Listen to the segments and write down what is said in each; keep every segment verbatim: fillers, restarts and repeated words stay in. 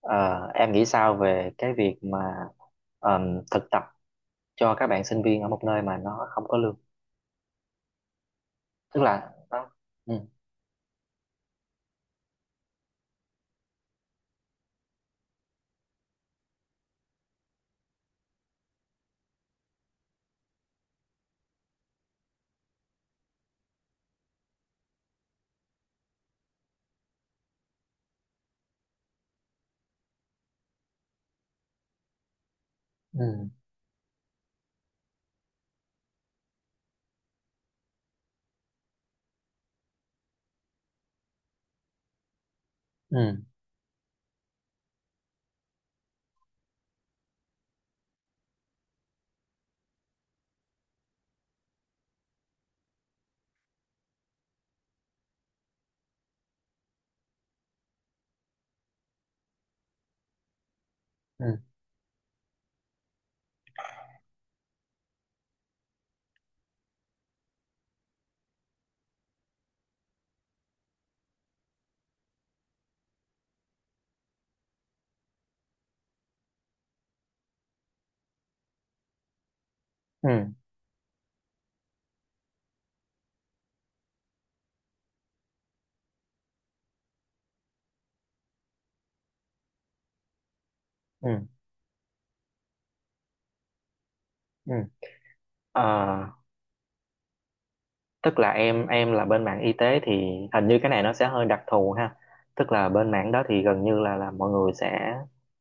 Ờ, em nghĩ sao về cái việc mà ờm, thực tập cho các bạn sinh viên ở một nơi mà nó không có lương? Tức là nó... ừ ừ ừ ừ ừ ừ ừ Ờ, tức là em em là bên mảng y tế thì hình như cái này nó sẽ hơi đặc thù ha. Tức là bên mảng đó thì gần như là là mọi người sẽ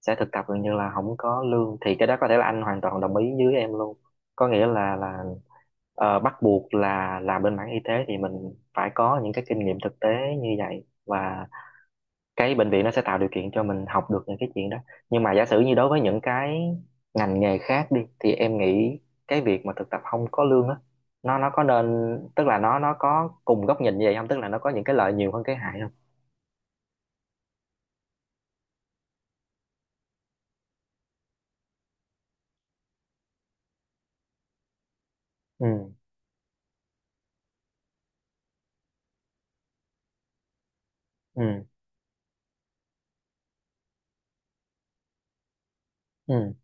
sẽ thực tập gần như là không có lương, thì cái đó có thể là anh hoàn toàn đồng ý với em luôn. Có nghĩa là là ờ, bắt buộc là là bên mảng y tế thì mình phải có những cái kinh nghiệm thực tế như vậy, và cái bệnh viện nó sẽ tạo điều kiện cho mình học được những cái chuyện đó. Nhưng mà giả sử như đối với những cái ngành nghề khác đi, thì em nghĩ cái việc mà thực tập không có lương á, nó nó có nên... tức là nó nó có cùng góc nhìn như vậy không, tức là nó có những cái lợi nhiều hơn cái hại không? ừ ừ ừ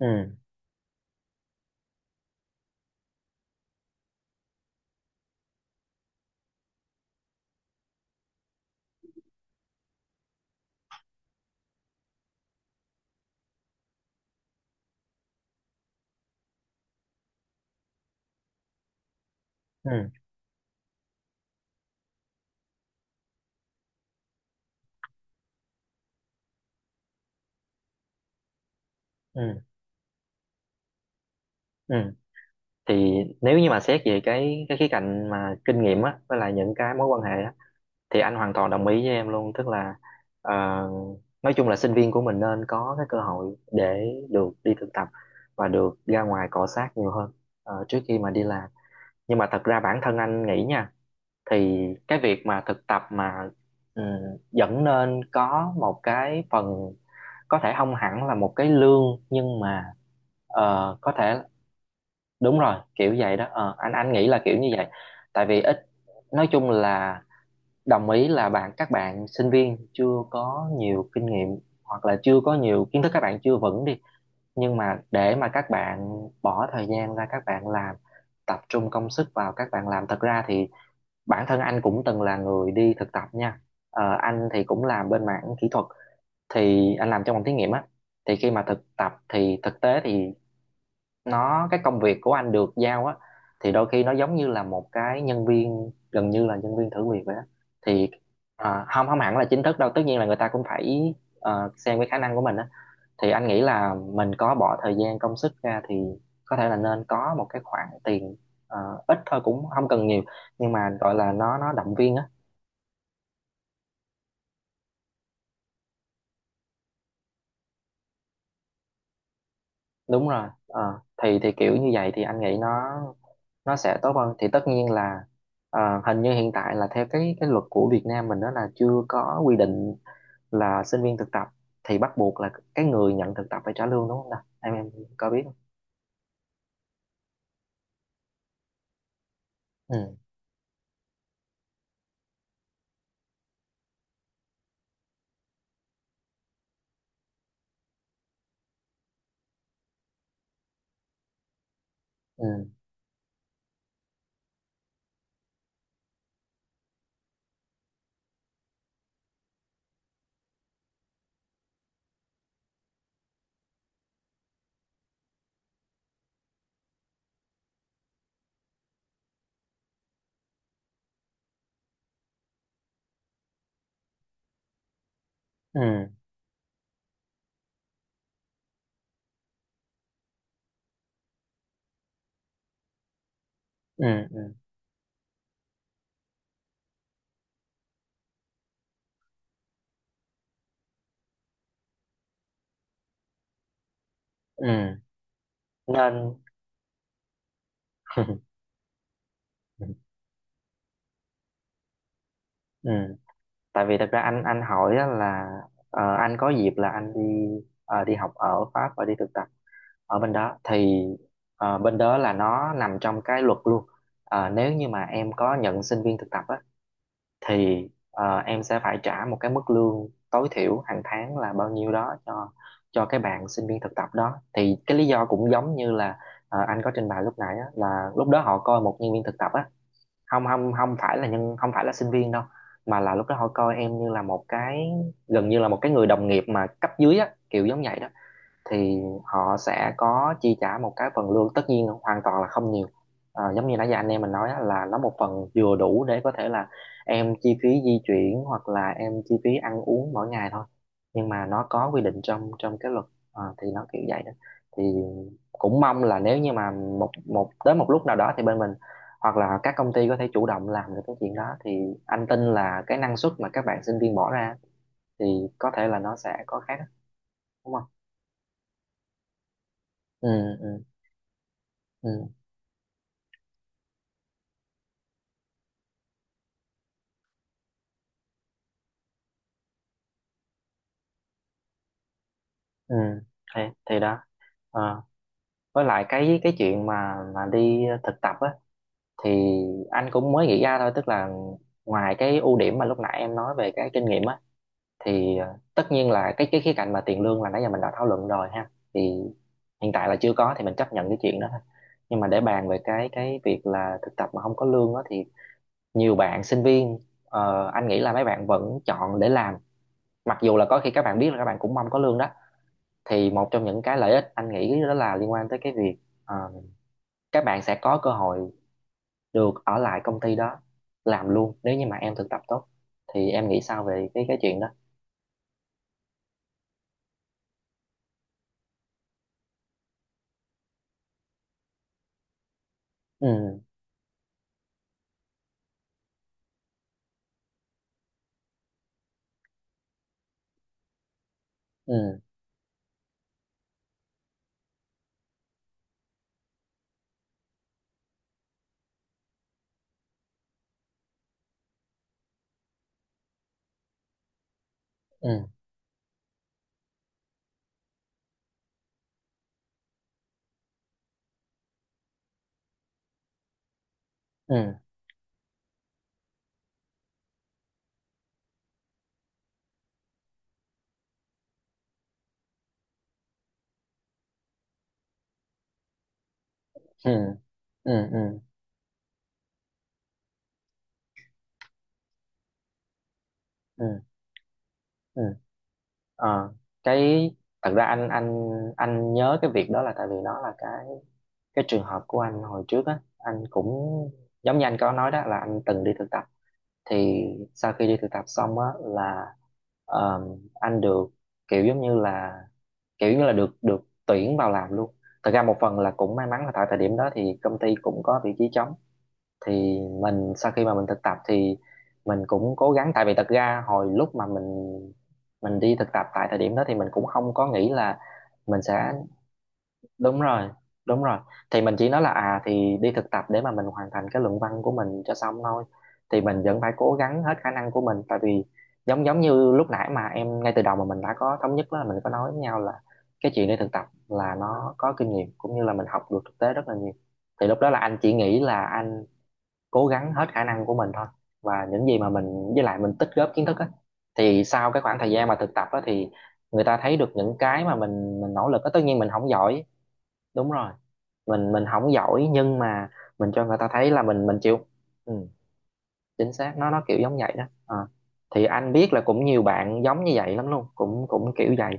ừ ừ ừ ừ thì nếu như mà xét về cái cái khía cạnh mà kinh nghiệm á, với lại những cái mối quan hệ á, thì anh hoàn toàn đồng ý với em luôn. Tức là ờ, nói chung là sinh viên của mình nên có cái cơ hội để được đi thực tập và được ra ngoài cọ xát nhiều hơn ờ, trước khi mà đi làm. Nhưng mà thật ra bản thân anh nghĩ nha, thì cái việc mà thực tập mà ừ, vẫn nên có một cái phần, có thể không hẳn là một cái lương, nhưng mà ờ, có thể... đúng rồi, kiểu vậy đó, ờ, anh anh nghĩ là kiểu như vậy. Tại vì ít... nói chung là đồng ý là bạn các bạn sinh viên chưa có nhiều kinh nghiệm, hoặc là chưa có nhiều kiến thức, các bạn chưa vững đi, nhưng mà để mà các bạn bỏ thời gian ra các bạn làm, tập trung công sức vào các bạn làm, thật ra thì bản thân anh cũng từng là người đi thực tập nha. Ờ, anh thì cũng làm bên mảng kỹ thuật, thì anh làm trong phòng thí nghiệm á, thì khi mà thực tập thì thực tế thì nó cái công việc của anh được giao á, thì đôi khi nó giống như là một cái nhân viên, gần như là nhân viên thử việc vậy đó. Thì à, không, không hẳn là chính thức đâu, tất nhiên là người ta cũng phải ờ, xem cái khả năng của mình á. Thì anh nghĩ là mình có bỏ thời gian công sức ra thì có thể là nên có một cái khoản tiền, ờ, ít thôi cũng không cần nhiều, nhưng mà gọi là nó nó động viên á. Đúng rồi. Ờ, thì thì kiểu như vậy thì anh nghĩ nó nó sẽ tốt hơn. Thì tất nhiên là ờ, hình như hiện tại là theo cái cái luật của Việt Nam mình đó là chưa có quy định là sinh viên thực tập thì bắt buộc là cái người nhận thực tập phải trả lương, đúng không nào? Em em có biết không? ừ ừ ừ ừ ừ ừ nên ừ. Tại vì thật ra anh anh hỏi á là ờ, anh có dịp là anh đi ờ, đi học ở Pháp và đi thực tập ở bên đó. Thì ờ, bên đó là nó nằm trong cái luật luôn. Ờ, nếu như mà em có nhận sinh viên thực tập á, thì ờ, em sẽ phải trả một cái mức lương tối thiểu hàng tháng là bao nhiêu đó cho cho cái bạn sinh viên thực tập đó. Thì cái lý do cũng giống như là ờ, anh có trình bày lúc nãy á, là lúc đó họ coi một nhân viên thực tập á, không không không phải là nhân... không phải là sinh viên đâu, mà là lúc đó họ coi em như là một cái, gần như là một cái người đồng nghiệp mà cấp dưới á, kiểu giống vậy đó. Thì họ sẽ có chi trả một cái phần lương, tất nhiên hoàn toàn là không nhiều. Ờ, giống như nãy giờ anh em mình nói là nó một phần vừa đủ để có thể là em chi phí di chuyển, hoặc là em chi phí ăn uống mỗi ngày thôi, nhưng mà nó có quy định trong trong cái luật. Ờ, thì nó kiểu vậy đó. Thì cũng mong là nếu như mà một một tới một lúc nào đó thì bên mình hoặc là các công ty có thể chủ động làm được cái chuyện đó, thì anh tin là cái năng suất mà các bạn sinh viên bỏ ra thì có thể là nó sẽ có khác, đúng không? ừ ừ ừ ừ thì, thì đó. Ờ. Với lại cái cái chuyện mà mà đi thực tập á, thì anh cũng mới nghĩ ra thôi, tức là ngoài cái ưu điểm mà lúc nãy em nói về cái kinh nghiệm á, thì ờ, tất nhiên là cái cái khía cạnh mà tiền lương là nãy giờ mình đã thảo luận rồi ha, thì hiện tại là chưa có thì mình chấp nhận cái chuyện đó thôi. Nhưng mà để bàn về cái cái việc là thực tập mà không có lương á, thì nhiều bạn sinh viên, ờ, anh nghĩ là mấy bạn vẫn chọn để làm, mặc dù là có khi các bạn biết là các bạn cũng mong có lương đó. Thì một trong những cái lợi ích anh nghĩ đó là liên quan tới cái việc ờ, các bạn sẽ có cơ hội được ở lại công ty đó làm luôn nếu như mà em thực tập tốt. Thì em nghĩ sao về cái cái chuyện đó? Ừ ừ ừ ừ ừ ừ ừ ừ ừ Ờ, cái thật ra anh anh anh nhớ cái việc đó là tại vì nó là cái cái trường hợp của anh hồi trước á. Anh cũng giống như anh có nói đó, là anh từng đi thực tập, thì sau khi đi thực tập xong á là ờm, anh được kiểu giống như là, kiểu như là được được tuyển vào làm luôn. Thật ra một phần là cũng may mắn là tại thời điểm đó thì công ty cũng có vị trí trống. Thì mình sau khi mà mình thực tập thì mình cũng cố gắng, tại vì thật ra hồi lúc mà mình mình đi thực tập tại thời điểm đó thì mình cũng không có nghĩ là mình sẽ... đúng rồi, đúng rồi. Thì mình chỉ nói là à thì đi thực tập để mà mình hoàn thành cái luận văn của mình cho xong thôi, thì mình vẫn phải cố gắng hết khả năng của mình. Tại vì giống giống như lúc nãy mà em, ngay từ đầu mà mình đã có thống nhất đó, là mình có nói với nhau là cái chuyện đi thực tập là nó có kinh nghiệm cũng như là mình học được thực tế rất là nhiều. Thì lúc đó là anh chỉ nghĩ là anh cố gắng hết khả năng của mình thôi, và những gì mà mình, với lại mình tích góp kiến thức á, thì sau cái khoảng thời gian mà thực tập á thì người ta thấy được những cái mà mình mình nỗ lực á, tất nhiên mình không giỏi. Đúng rồi. mình mình không giỏi, nhưng mà mình cho người ta thấy là mình mình chịu. Ừ, chính xác, nó nó kiểu giống vậy đó. Ờ. Thì anh biết là cũng nhiều bạn giống như vậy lắm luôn, cũng cũng kiểu vậy.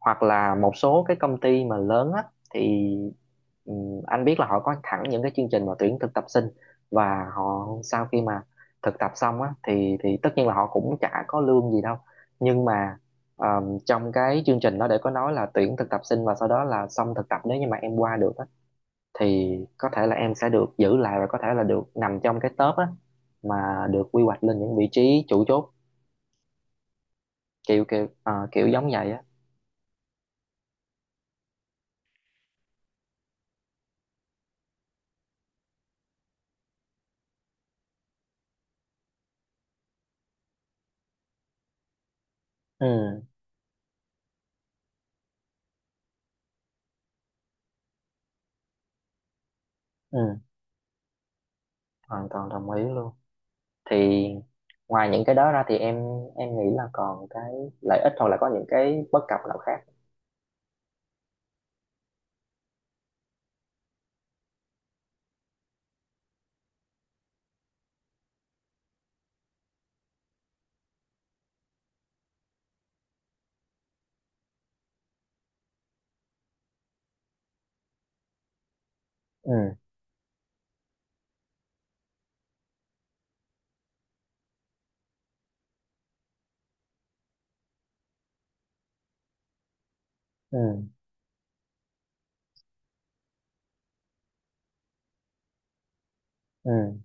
Hoặc là một số cái công ty mà lớn á, thì ừ, anh biết là họ có thẳng những cái chương trình mà tuyển thực tập sinh, và họ sau khi mà thực tập xong á thì thì tất nhiên là họ cũng chả có lương gì đâu. Nhưng mà ờ, trong cái chương trình đó để có nói là tuyển thực tập sinh và sau đó là xong thực tập, nếu như mà em qua được á thì có thể là em sẽ được giữ lại, và có thể là được nằm trong cái top á, mà được quy hoạch lên những vị trí chủ chốt, kiểu kiểu ờ, kiểu giống vậy á. ừ ừ Hoàn toàn đồng ý luôn. Thì ngoài những cái đó ra thì em em nghĩ là còn cái lợi ích hoặc là có những cái bất cập nào khác? ừ ừ ừ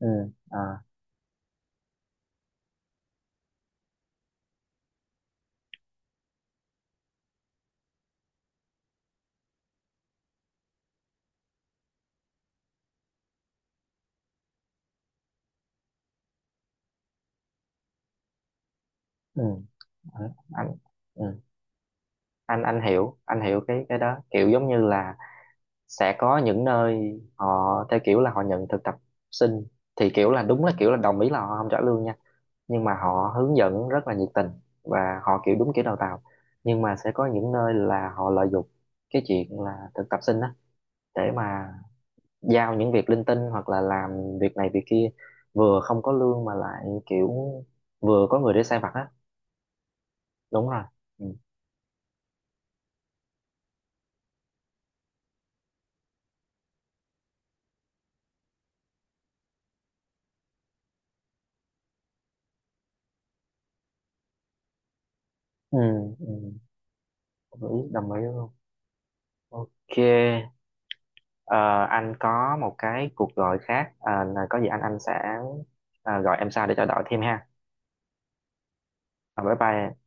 ừ à ừ anh ừ. anh anh hiểu, anh hiểu cái cái đó, kiểu giống như là sẽ có những nơi họ theo kiểu là họ nhận thực tập sinh, thì kiểu là đúng, là kiểu là đồng ý là họ không trả lương nha, nhưng mà họ hướng dẫn rất là nhiệt tình và họ kiểu đúng kiểu đào tạo. Nhưng mà sẽ có những nơi là họ lợi dụng cái chuyện là thực tập sinh á để mà giao những việc linh tinh, hoặc là làm việc này việc kia, vừa không có lương mà lại kiểu vừa có người để sai vặt á. Đúng rồi. Ừ, ừ. ừ. Đồng ý, đồng ý luôn. Ok. Ờ, anh có một cái cuộc gọi khác. Ờ, là có gì anh anh sẽ ờ, gọi em sau để trao đổi thêm ha. Ờ, bye bye.